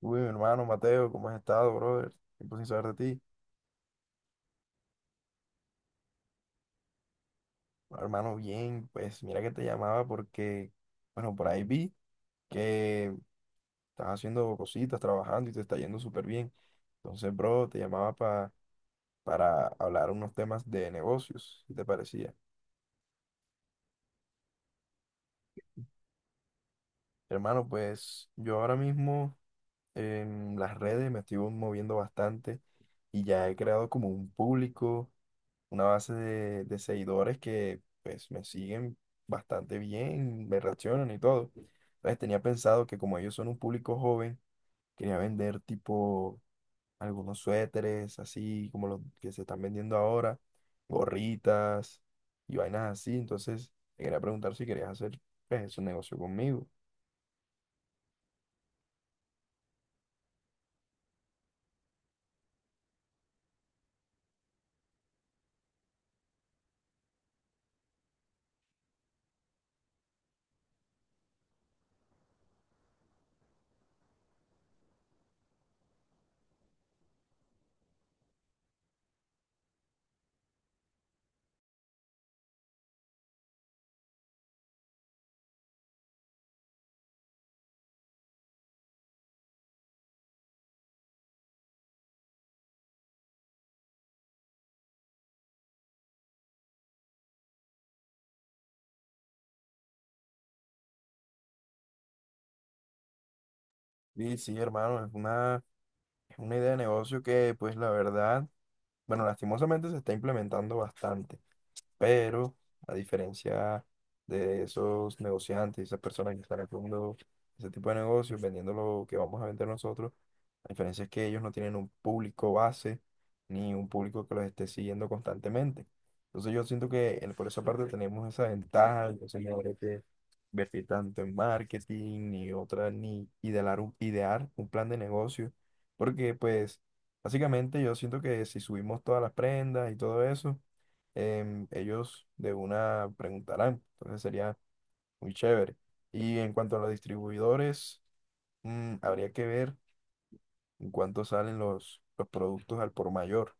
Uy, mi hermano Mateo, ¿cómo has estado, brother? Tiempo sin saber de ti. Bueno, hermano, bien, pues mira que te llamaba porque, bueno, por ahí vi que estás haciendo cositas, trabajando y te está yendo súper bien. Entonces, bro, te llamaba para hablar unos temas de negocios, si te parecía. Hermano, pues yo ahora mismo en las redes me estoy moviendo bastante y ya he creado como un público, una base de seguidores que pues me siguen bastante bien, me reaccionan y todo. Entonces tenía pensado que como ellos son un público joven, quería vender tipo algunos suéteres, así como los que se están vendiendo ahora, gorritas y vainas así. Entonces te quería preguntar si querías hacer, pues, ese negocio conmigo. Sí, sí, hermano, es una idea de negocio que, pues la verdad, bueno, lastimosamente se está implementando bastante. Pero a diferencia de esos negociantes, esas personas que están haciendo ese tipo de negocios, vendiendo lo que vamos a vender nosotros, la diferencia es que ellos no tienen un público base ni un público que los esté siguiendo constantemente. Entonces yo siento que por esa parte tenemos esa ventaja, entonces no habría que invertir tanto en marketing ni otra, ni idear un plan de negocio, porque pues básicamente yo siento que si subimos todas las prendas y todo eso, ellos de una preguntarán. Entonces sería muy chévere. Y en cuanto a los distribuidores, habría que ver en cuánto salen los productos al por mayor,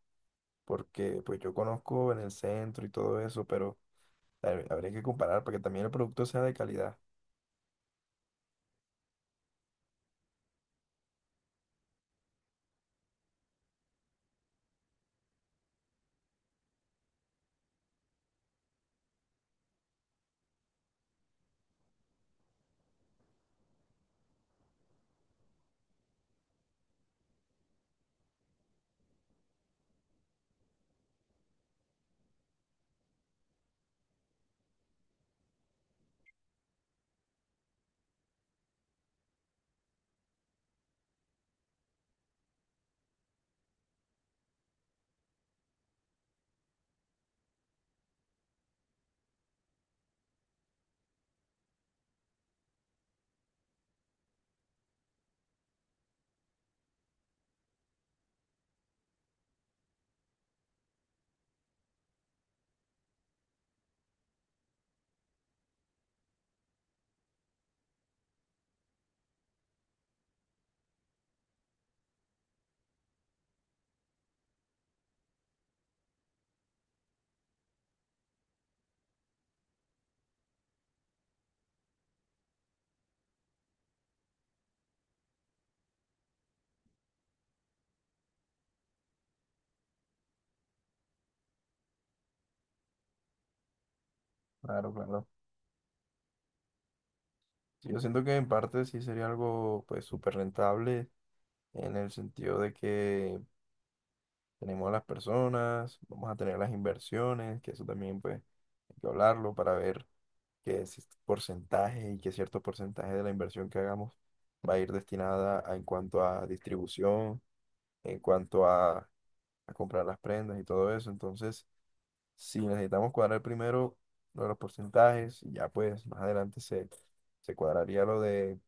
porque pues yo conozco en el centro y todo eso, pero habría que comparar para que también el producto sea de calidad. Claro, claro. Sí, yo siento que en parte sí sería algo pues súper rentable, en el sentido de que tenemos a las personas, vamos a tener las inversiones, que eso también pues hay que hablarlo para ver que es porcentaje y que cierto porcentaje de la inversión que hagamos va a ir destinada en cuanto a distribución, en cuanto a, a comprar las prendas y todo eso. Entonces, si necesitamos cuadrar primero lo de los porcentajes, y ya pues más adelante se cuadraría lo de,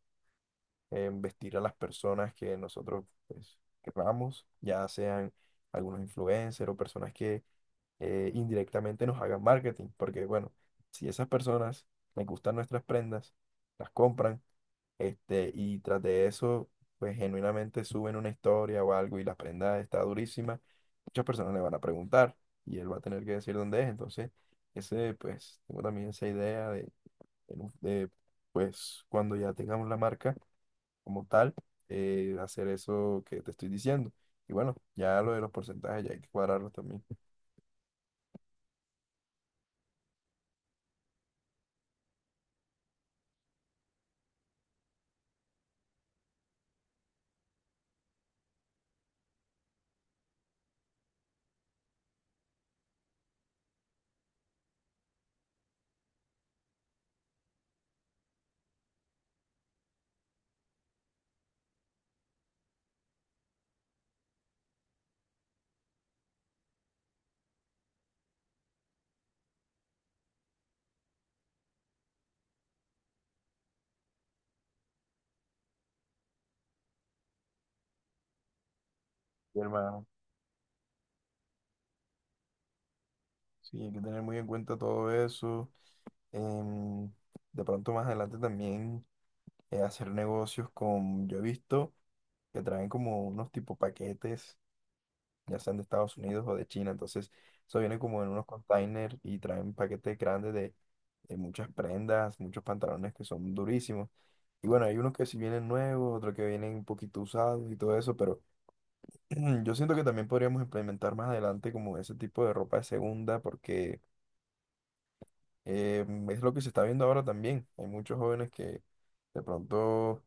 vestir a las personas que nosotros, pues, querramos, ya sean algunos influencers o personas, indirectamente nos hagan marketing, porque bueno, si esas personas les gustan nuestras prendas, las compran, este, y tras de eso, pues genuinamente suben una historia o algo y la prenda está durísima, muchas personas le van a preguntar y él va a tener que decir dónde es, entonces, ese, pues, tengo también esa idea de, en un- de, pues, cuando ya tengamos la marca como tal, hacer eso que te estoy diciendo. Y bueno, ya lo de los porcentajes ya hay que cuadrarlos también. Sí, hay que tener muy en cuenta todo eso. Em, de pronto más adelante también, hacer negocios con, yo he visto que traen como unos tipo paquetes, ya sean de Estados Unidos o de China. Entonces, eso viene como en unos containers y traen paquetes grandes de muchas prendas, muchos pantalones que son durísimos. Y bueno, hay unos que sí vienen nuevos, otros que vienen un poquito usados y todo eso, pero yo siento que también podríamos implementar más adelante como ese tipo de ropa de segunda porque... es lo que se está viendo ahora también. Hay muchos jóvenes que de pronto,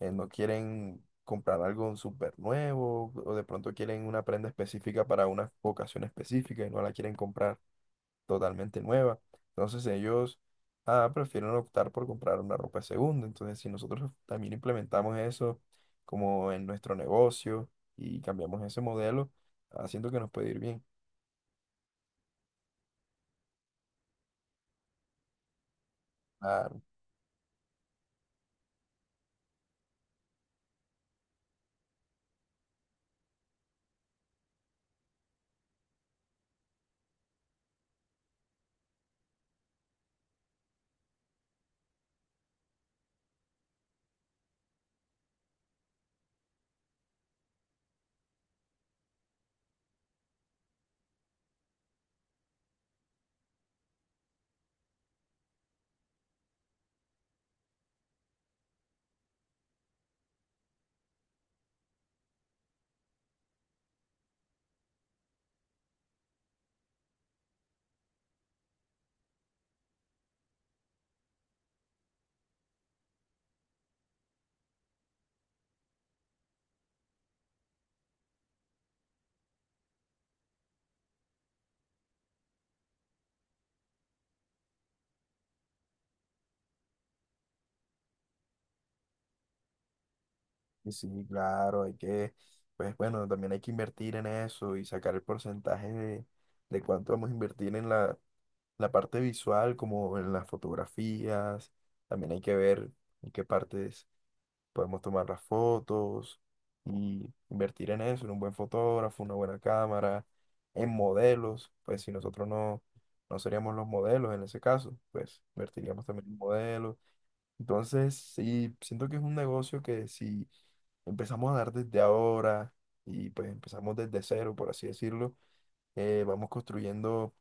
no quieren comprar algo súper nuevo o de pronto quieren una prenda específica para una ocasión específica y no la quieren comprar totalmente nueva. Entonces ellos, ah, prefieren optar por comprar una ropa de segunda. Entonces si nosotros también implementamos eso como en nuestro negocio y cambiamos ese modelo, haciendo que nos puede ir bien. Ah, y sí, claro, hay que, pues bueno, también hay que invertir en eso y sacar el porcentaje de cuánto vamos a invertir en la parte visual, como en las fotografías. También hay que ver en qué partes podemos tomar las fotos y invertir en eso, en un buen fotógrafo, una buena cámara, en modelos. Pues si nosotros no, no seríamos los modelos en ese caso, pues invertiríamos también en modelos entonces, sí, siento que es un negocio que si empezamos a dar desde ahora y pues empezamos desde cero, por así decirlo, vamos construyendo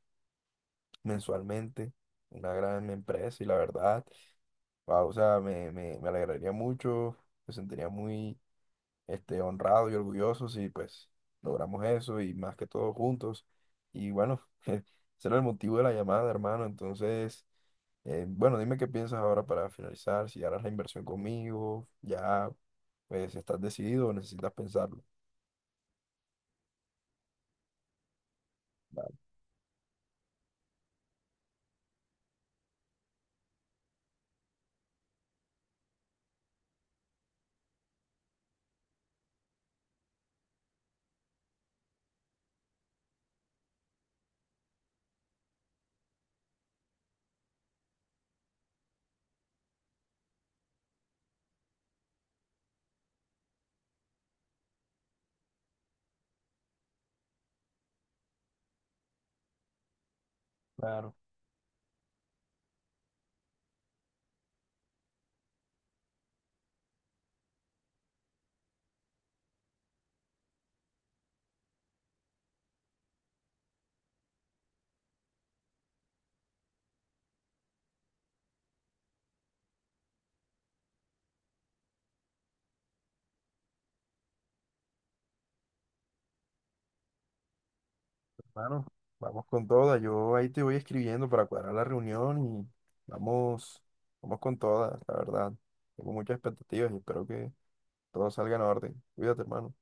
mensualmente una gran empresa y la verdad, wao, o sea, me alegraría mucho, me sentiría muy, este, honrado y orgulloso si pues logramos eso y más que todo juntos. Y bueno, ese era el motivo de la llamada, hermano, entonces... bueno, dime qué piensas ahora para finalizar, si harás la inversión conmigo, ya pues estás decidido o necesitas pensarlo. Vale, claro, hermano. Vamos con toda, yo ahí te voy escribiendo para cuadrar la reunión y vamos, vamos con toda, la verdad. Tengo muchas expectativas y espero que todo salga en orden. Cuídate, hermano.